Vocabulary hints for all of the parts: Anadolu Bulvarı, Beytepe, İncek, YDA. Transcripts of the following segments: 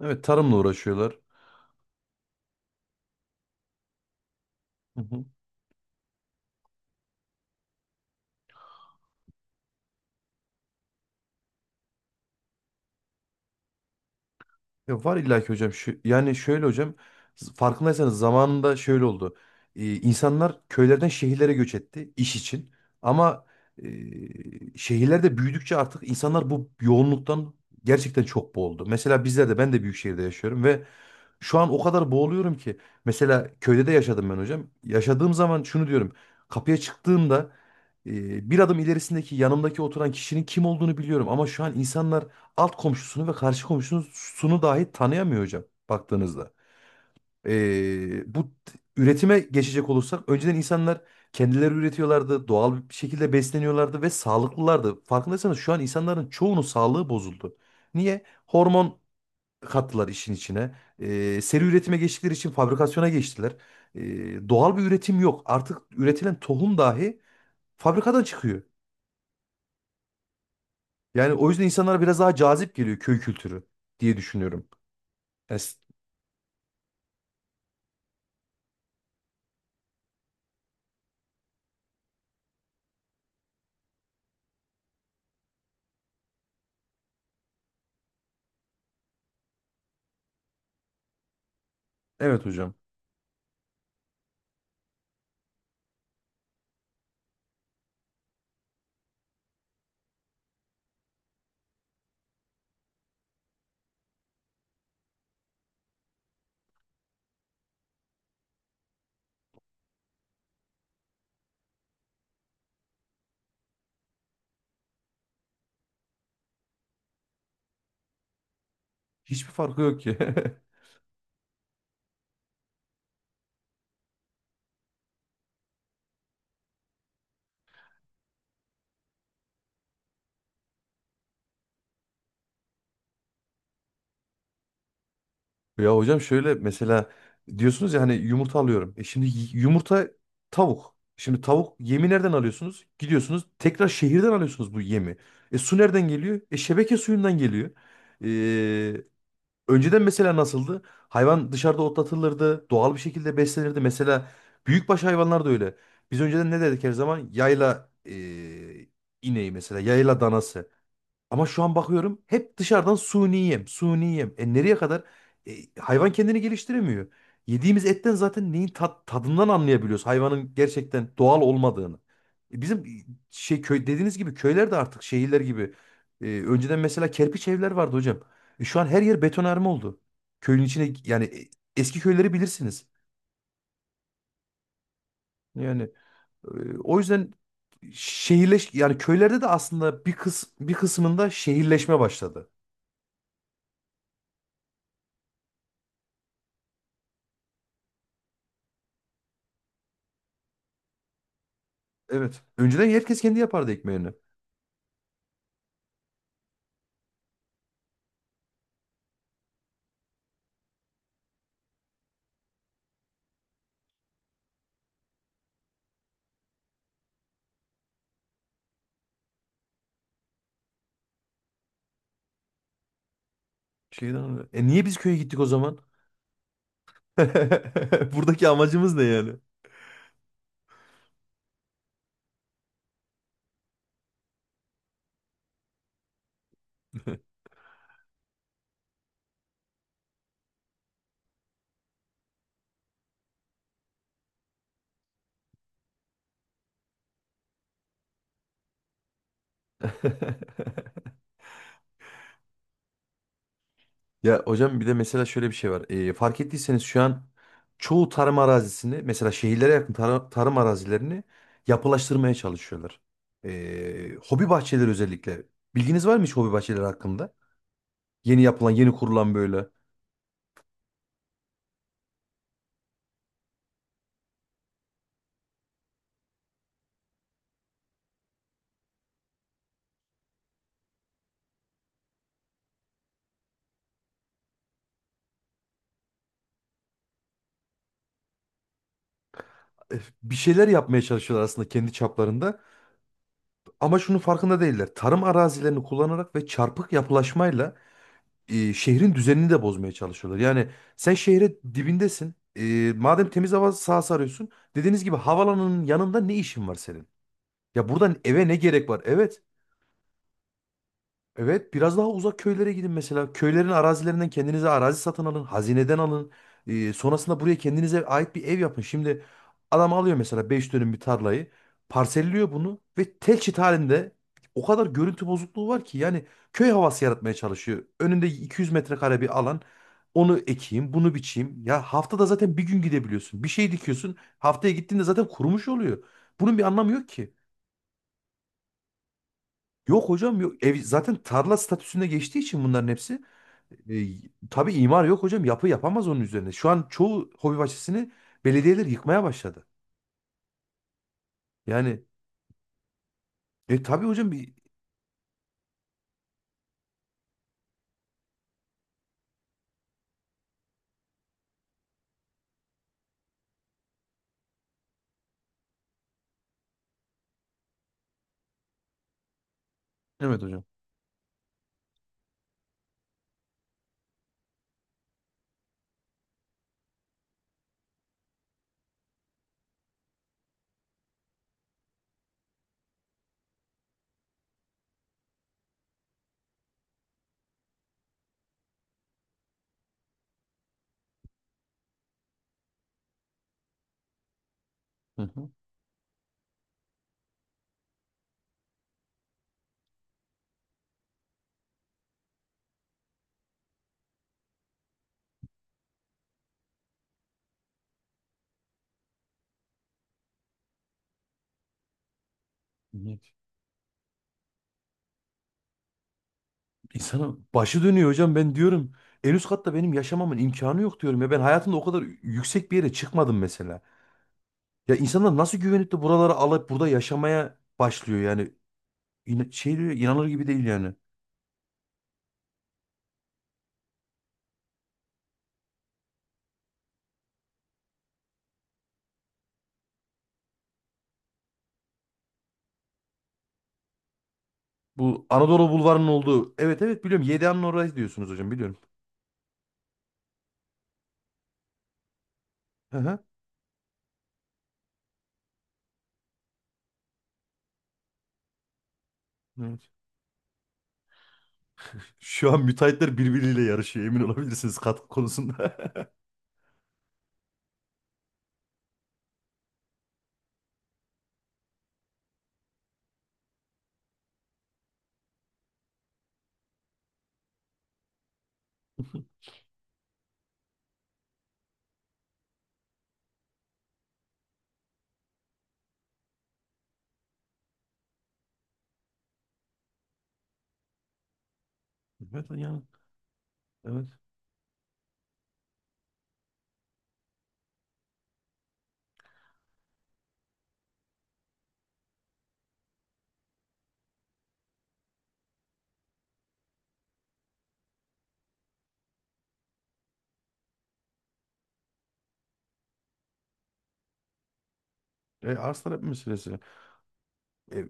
Evet, tarımla uğraşıyorlar. Hı hı. Ya var illaki hocam. Şu, yani şöyle hocam, farkındaysanız zamanında şöyle oldu. İnsanlar köylerden şehirlere göç etti iş için. Ama şehirlerde büyüdükçe artık insanlar bu yoğunluktan gerçekten çok boğuldu. Mesela bizler de ben de büyük şehirde yaşıyorum ve şu an o kadar boğuluyorum ki. Mesela köyde de yaşadım ben hocam. Yaşadığım zaman şunu diyorum. Kapıya çıktığımda bir adım ilerisindeki yanımdaki oturan kişinin kim olduğunu biliyorum. Ama şu an insanlar alt komşusunu ve karşı komşusunu dahi tanıyamıyor hocam, baktığınızda. Bu üretime geçecek olursak önceden insanlar kendileri üretiyorlardı. Doğal bir şekilde besleniyorlardı ve sağlıklılardı. Farkındaysanız şu an insanların çoğunun sağlığı bozuldu. Niye? Hormon kattılar işin içine. Seri üretime geçtikleri için fabrikasyona geçtiler. Doğal bir üretim yok. Artık üretilen tohum dahi fabrikadan çıkıyor. Yani o yüzden insanlara biraz daha cazip geliyor köy kültürü diye düşünüyorum. Es- evet hocam. Hiçbir farkı yok ki. Ya hocam, şöyle mesela diyorsunuz ya hani yumurta alıyorum. E şimdi yumurta tavuk. Şimdi tavuk yemi nereden alıyorsunuz? Gidiyorsunuz tekrar şehirden alıyorsunuz bu yemi. E su nereden geliyor? E şebeke suyundan geliyor. Önceden mesela nasıldı? Hayvan dışarıda otlatılırdı, doğal bir şekilde beslenirdi. Mesela büyükbaş hayvanlar da öyle. Biz önceden ne dedik her zaman? Yayla ineği mesela, yayla danası. Ama şu an bakıyorum hep dışarıdan suni yem, suni yem. E nereye kadar? E, hayvan kendini geliştiremiyor. Yediğimiz etten zaten neyin tadından anlayabiliyoruz hayvanın gerçekten doğal olmadığını. Bizim şey köy dediğiniz gibi köyler de artık şehirler gibi. Önceden mesela kerpiç evler vardı hocam. Şu an her yer betonarme oldu. Köyün içine yani eski köyleri bilirsiniz. Yani o yüzden yani köylerde de aslında bir bir kısmında şehirleşme başladı. Evet. Önceden herkes kendi yapardı ekmeğini. Şeyden E niye biz köye gittik o zaman? Buradaki amacımız ne yani? Ya hocam, bir de mesela şöyle bir şey var. Fark ettiyseniz şu an çoğu tarım arazisini mesela şehirlere yakın tarım arazilerini yapılaştırmaya çalışıyorlar. Hobi bahçeleri özellikle. Bilginiz var mı hiç hobi bahçeleri hakkında? Yeni yapılan, yeni kurulan böyle. Bir şeyler yapmaya çalışıyorlar aslında kendi çaplarında. Ama şunun farkında değiller. Tarım arazilerini kullanarak ve çarpık yapılaşmayla şehrin düzenini de bozmaya çalışıyorlar. Yani sen şehre dibindesin. E, madem temiz hava sahası arıyorsun. Dediğiniz gibi havalanın yanında ne işin var senin? Ya buradan eve ne gerek var? Evet. Evet, biraz daha uzak köylere gidin mesela. Köylerin arazilerinden kendinize arazi satın alın, hazineden alın. Sonrasında buraya kendinize ait bir ev yapın. Şimdi adam alıyor mesela 5 dönüm bir tarlayı, parselliyor bunu ve tel çit halinde o kadar görüntü bozukluğu var ki yani köy havası yaratmaya çalışıyor. Önünde 200 metrekare bir alan. Onu ekeyim, bunu biçeyim. Ya haftada zaten bir gün gidebiliyorsun. Bir şey dikiyorsun, haftaya gittiğinde zaten kurumuş oluyor. Bunun bir anlamı yok ki. Yok hocam, yok. Ev zaten tarla statüsüne geçtiği için bunların hepsi e, tabii imar yok hocam. Yapı yapamaz onun üzerine. Şu an çoğu hobi bahçesini belediyeler yıkmaya başladı. Yani tabii hocam bir. Evet hocam. Hı hı. Evet. İnsanın başı dönüyor hocam, ben diyorum. En üst katta benim yaşamamın imkanı yok diyorum ya. Ben hayatımda o kadar yüksek bir yere çıkmadım mesela. Ya insanlar nasıl güvenip de buraları alıp burada yaşamaya başlıyor yani. İn şey diyor, inanılır gibi değil yani. Bu Anadolu Bulvarı'nın olduğu. Evet, evet, biliyorum. YDA'nın orası diyorsunuz hocam, biliyorum. Hı hı. Evet. Şu an müteahhitler birbiriyle yarışıyor, emin olabilirsiniz katkı konusunda. Evet yani. Evet. Arz talep meselesi. E,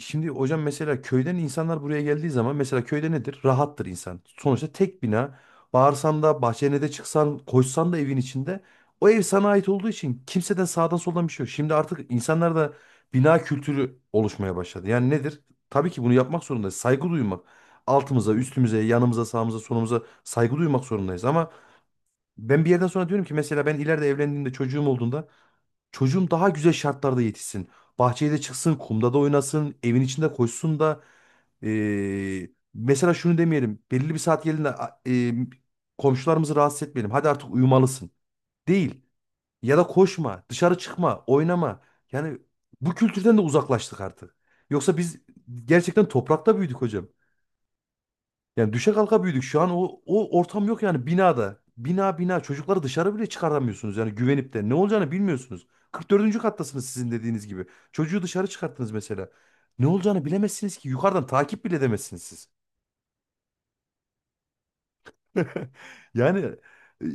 Şimdi hocam, mesela köyden insanlar buraya geldiği zaman mesela köyde nedir? Rahattır insan. Sonuçta tek bina. Bağırsan da bahçene de çıksan koşsan da evin içinde o ev sana ait olduğu için kimseden sağdan soldan bir şey yok. Şimdi artık insanlarda bina kültürü oluşmaya başladı. Yani nedir? Tabii ki bunu yapmak zorundayız. Saygı duymak. Altımıza, üstümüze, yanımıza, sağımıza, solumuza saygı duymak zorundayız. Ama ben bir yerden sonra diyorum ki mesela ben ileride evlendiğimde çocuğum olduğunda çocuğum daha güzel şartlarda yetişsin. Bahçede çıksın, kumda da oynasın, evin içinde koşsun da mesela şunu demeyelim. Belirli bir saat geldiğinde komşularımızı rahatsız etmeyelim. Hadi artık uyumalısın. Değil. Ya da koşma, dışarı çıkma, oynama. Yani bu kültürden de uzaklaştık artık. Yoksa biz gerçekten toprakta büyüdük hocam. Yani düşe kalka büyüdük. Şu an o ortam yok yani binada. Bina bina çocukları dışarı bile çıkaramıyorsunuz yani güvenip de. Ne olacağını bilmiyorsunuz. 44. kattasınız sizin dediğiniz gibi. Çocuğu dışarı çıkarttınız mesela. Ne olacağını bilemezsiniz ki. Yukarıdan takip bile edemezsiniz siz. Yani e,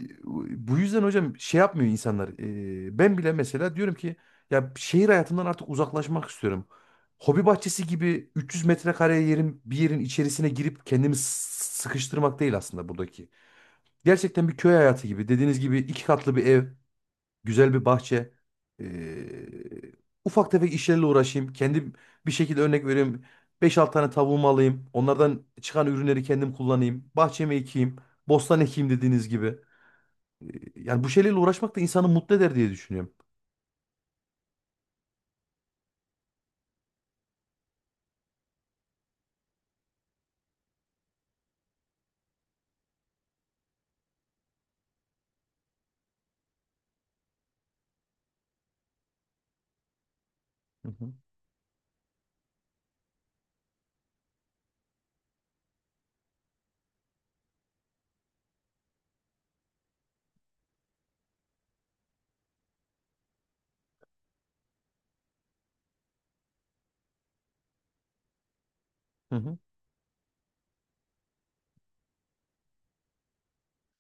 bu yüzden hocam şey yapmıyor insanlar. Ben bile mesela diyorum ki ya şehir hayatından artık uzaklaşmak istiyorum. Hobi bahçesi gibi 300 metrekare yerin bir yerin içerisine girip kendimi sıkıştırmak değil aslında buradaki gerçekten bir köy hayatı gibi. Dediğiniz gibi iki katlı bir ev, güzel bir bahçe. Ee, ufak tefek işlerle uğraşayım. Kendim bir şekilde örnek vereyim. Beş 6 tane tavuğumu alayım. Onlardan çıkan ürünleri kendim kullanayım. Bahçeme ekeyim. Bostan ekeyim dediğiniz gibi. Ee, yani bu şeylerle uğraşmak da insanı mutlu eder diye düşünüyorum. Hı hı. Hı hı.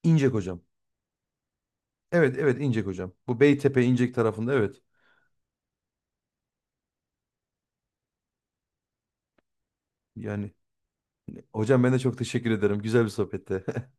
İncek hocam. Evet, evet, İncek hocam. Bu Beytepe İncek tarafında, evet. Yani hocam, ben de çok teşekkür ederim. Güzel bir sohbette.